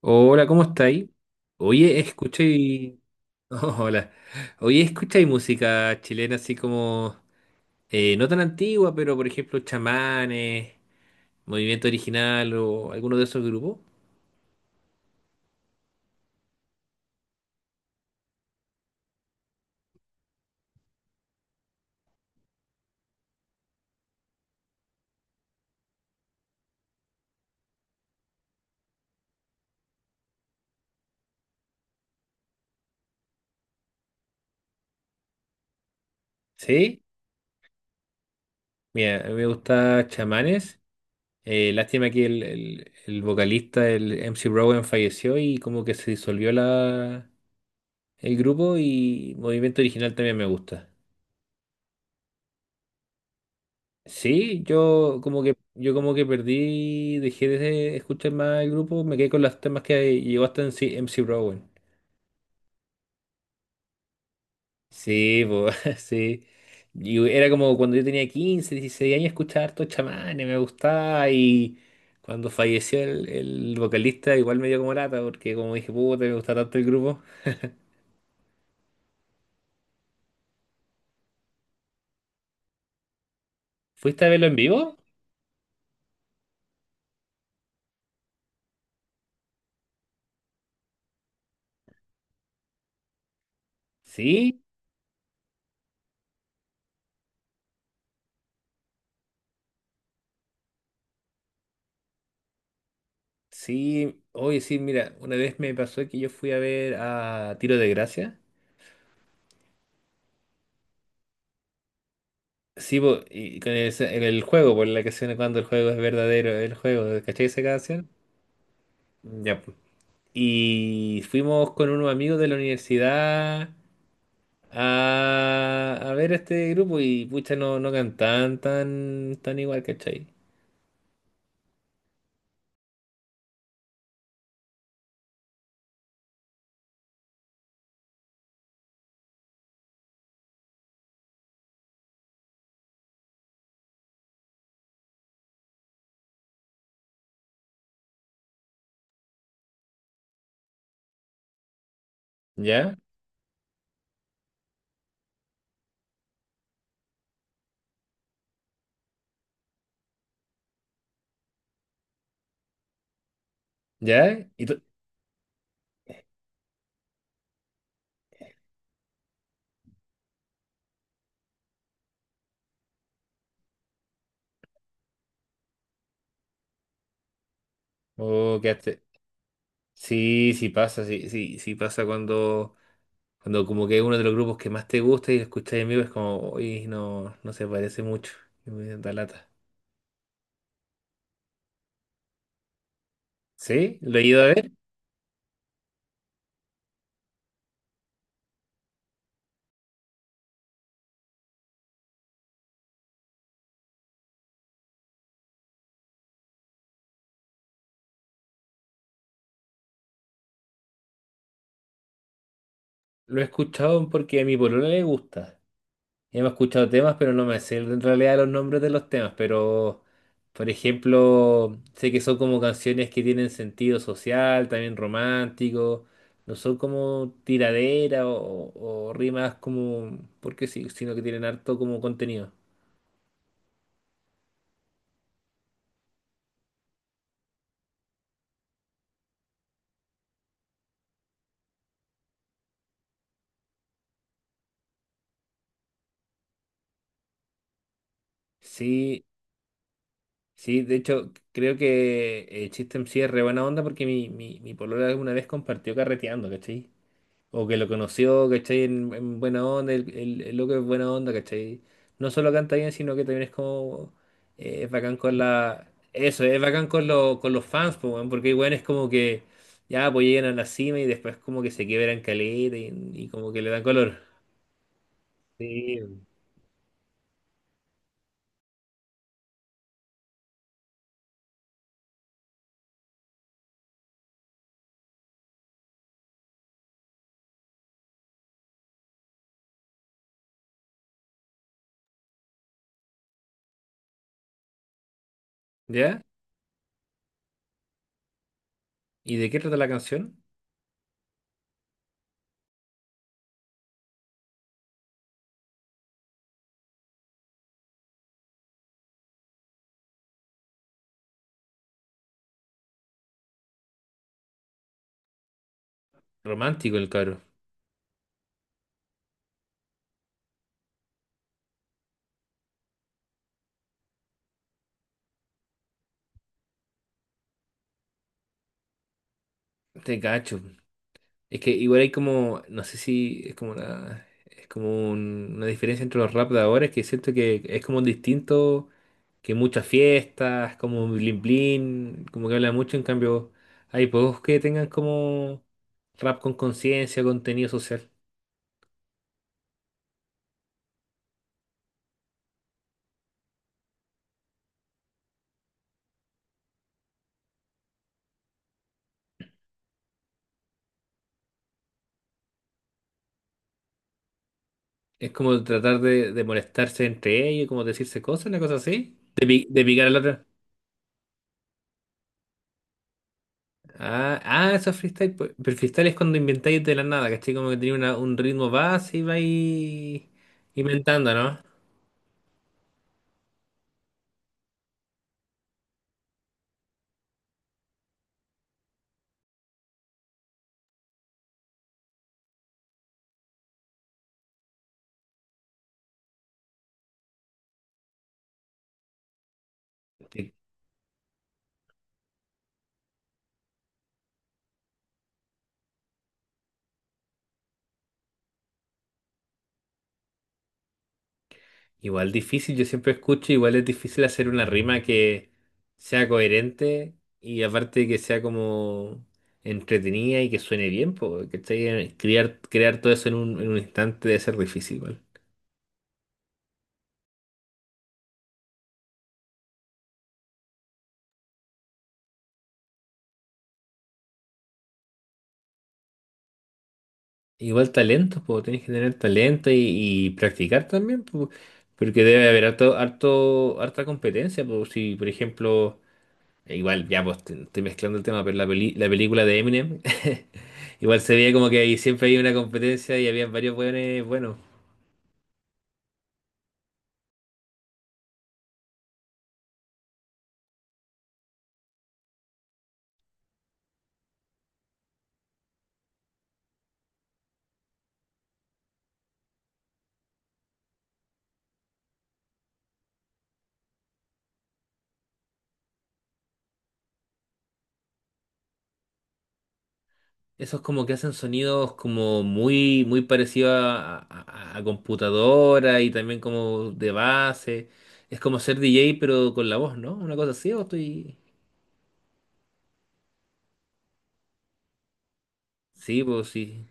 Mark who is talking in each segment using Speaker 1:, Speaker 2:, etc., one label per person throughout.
Speaker 1: Hola, ¿cómo estáis? Oye, escuché... hola. Oye, escucháis música chilena así como... no tan antigua, pero por ejemplo, Chamanes, Movimiento Original o alguno de esos grupos. ¿Sí? Mira, a mí me gusta Chamanes. Lástima que el vocalista, el MC Rowan, falleció y como que se disolvió la, el grupo, y Movimiento Original también me gusta. Sí, yo como que perdí, dejé de escuchar más el grupo, me quedé con los temas que llegó hasta en MC Rowan. Sí, po, sí. Y era como cuando yo tenía 15 16 años, escuchaba harto chamanes, me gustaba. Y cuando falleció el vocalista, igual me dio como lata, porque como dije, puta, me gusta tanto el grupo. ¿Fuiste a verlo en vivo? Sí, sí. Oye, sí, mira, una vez me pasó que yo fui a ver a Tiro de Gracia. Sí, po, y con ese- en el juego, por la canción cuando el juego es verdadero, el juego, ¿cachai esa canción? Ya, po. Y fuimos con unos amigos de la universidad a ver este grupo y pucha, no, no cantaban tan, tan igual, ¿cachai? ¿Ya? ¿Ya? ¿Y tú? Oh, quedaste. Sí, sí pasa, sí, sí, sí pasa cuando, cuando como que es uno de los grupos que más te gusta y lo escuchas en vivo es como, uy, no, no se parece mucho, y me da lata. ¿Sí? ¿Lo he ido a ver? Lo he escuchado porque a mi polola le gusta. Ya me he escuchado temas, pero no me sé en realidad los nombres de los temas. Pero, por ejemplo, sé que son como canciones que tienen sentido social, también romántico. No son como tiradera o rimas como, porque sí, sino que tienen harto como contenido. Sí, sí, de hecho, creo que el System sí es re buena onda porque mi polola alguna vez compartió carreteando, ¿cachai? O que lo conoció, ¿cachai? En buena onda, el loco es buena onda, ¿cachai? No solo canta bien, sino que también es como... es bacán con la... Eso, es bacán con, lo- con los fans, po, weón, porque bueno, es como que ya pues llegan a la cima y después como que se quiebran caleta y como que le dan color. Sí. ¿Ya? ¿Y de qué trata la canción? Romántico el cabro. Te cacho. Es que igual hay como, no sé si es como una, es como un- una diferencia entre los rap de ahora, es que siento que es como distinto, que muchas fiestas, como blin blin, como que habla mucho, en cambio hay pocos que tengan como rap con conciencia, contenido social. Es como tratar de molestarse entre ellos, como decirse cosas, una cosa así, de, pi- de picar al otro. Ah, ah, eso es freestyle. Pues. Pero freestyle es cuando inventáis de la nada, ¿cachai? Como que tenía una- un ritmo base y vais inventando, ¿no? Sí. Igual difícil, yo siempre escucho, igual es difícil hacer una rima que sea coherente y aparte que sea como entretenida y que suene bien, po, ¿cachai? Crear, crear todo eso en un instante debe ser difícil, igual. Igual talento, pues tenés que tener talento y practicar también, pues, porque debe haber harto, harto, harta competencia, pues si por ejemplo, igual ya pues te- estoy mezclando el tema, pero la peli- la película de Eminem, igual se veía como que ahí siempre hay una competencia y había varios buenos, bueno, esos como que hacen sonidos como muy, muy parecidos a computadora y también como de base, es como ser DJ pero con la voz, ¿no? Una cosa así, o estoy... Sí, pues sí.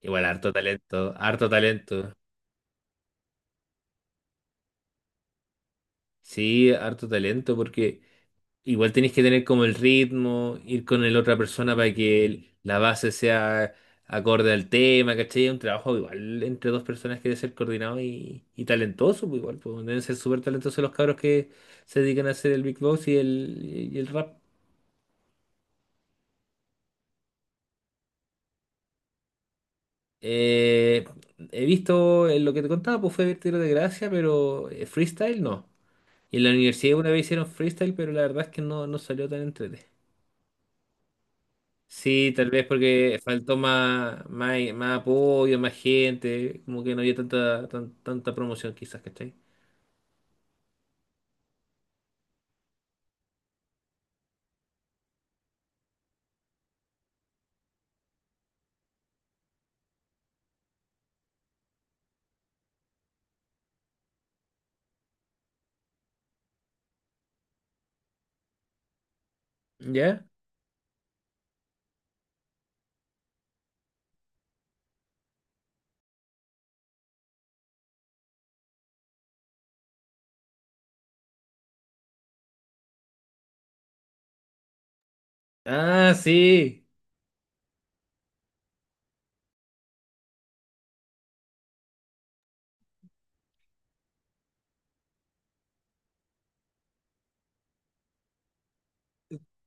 Speaker 1: Igual, harto talento, harto talento. Sí, harto talento, porque igual tenéis que tener como el ritmo, ir con el otra persona para que el- la base sea acorde al tema, ¿cachai? Un trabajo igual entre dos personas que debe ser coordinado y talentoso, pues igual, pues deben ser súper talentosos los cabros que se dedican a hacer el big boss y el rap. Eh, he visto lo que te contaba, pues fue tiro de gracia, pero freestyle no. Y en la universidad una vez hicieron freestyle, pero la verdad es que no, no salió tan entrete. Sí, tal vez porque faltó más, más, más apoyo, más gente, como que no había tanta, tan- tanta promoción quizás, ¿cachai? ¿Ya? Ah, sí.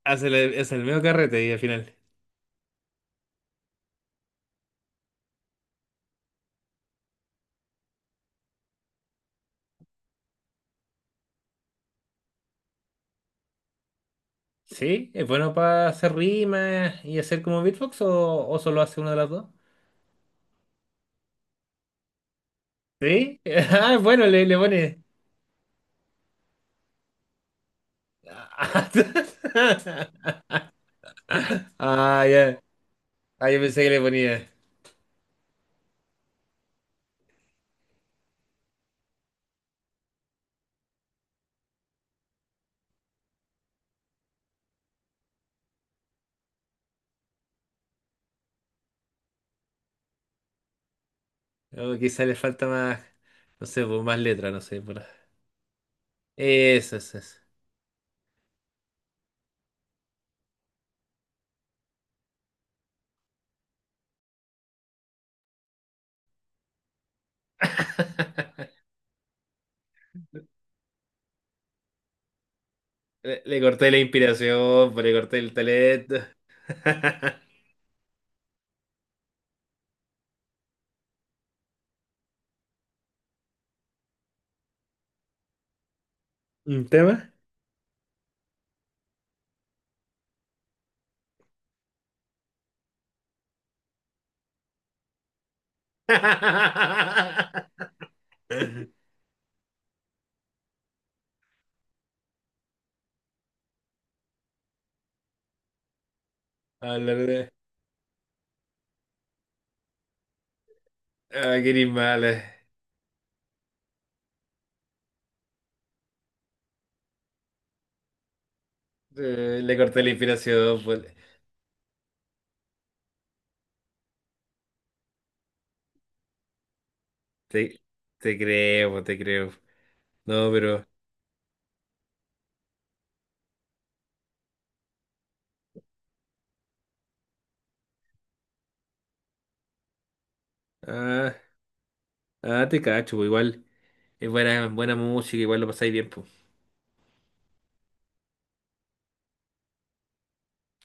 Speaker 1: Hace el medio carrete y al final. ¿Sí? ¿Es bueno para hacer rimas y hacer como beatbox o solo hace una de las dos? ¿Sí? Ah, bueno, le pone. Ah, ya. Ah, yo pensé que le ponía. O quizá le falta más, no sé, pues, más letra, no sé. Por- Eso, eso, eso. Le corté la inspiración, pues, le corté el talento. ¿Un tema? Hablar de... Ah, qué eres mala. Le corté la inspiración, pues. Te, te creo, pues, te creo. No, pero... Ah, ah, te cacho, pues, igual. Es buena, buena música, igual lo pasáis bien, pues.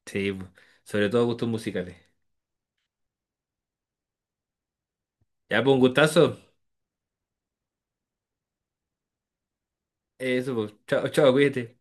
Speaker 1: Sí, pues. Sobre todo gustos musicales. Ya, pues, un gustazo. Eso, pues. Chao, chao, cuídate.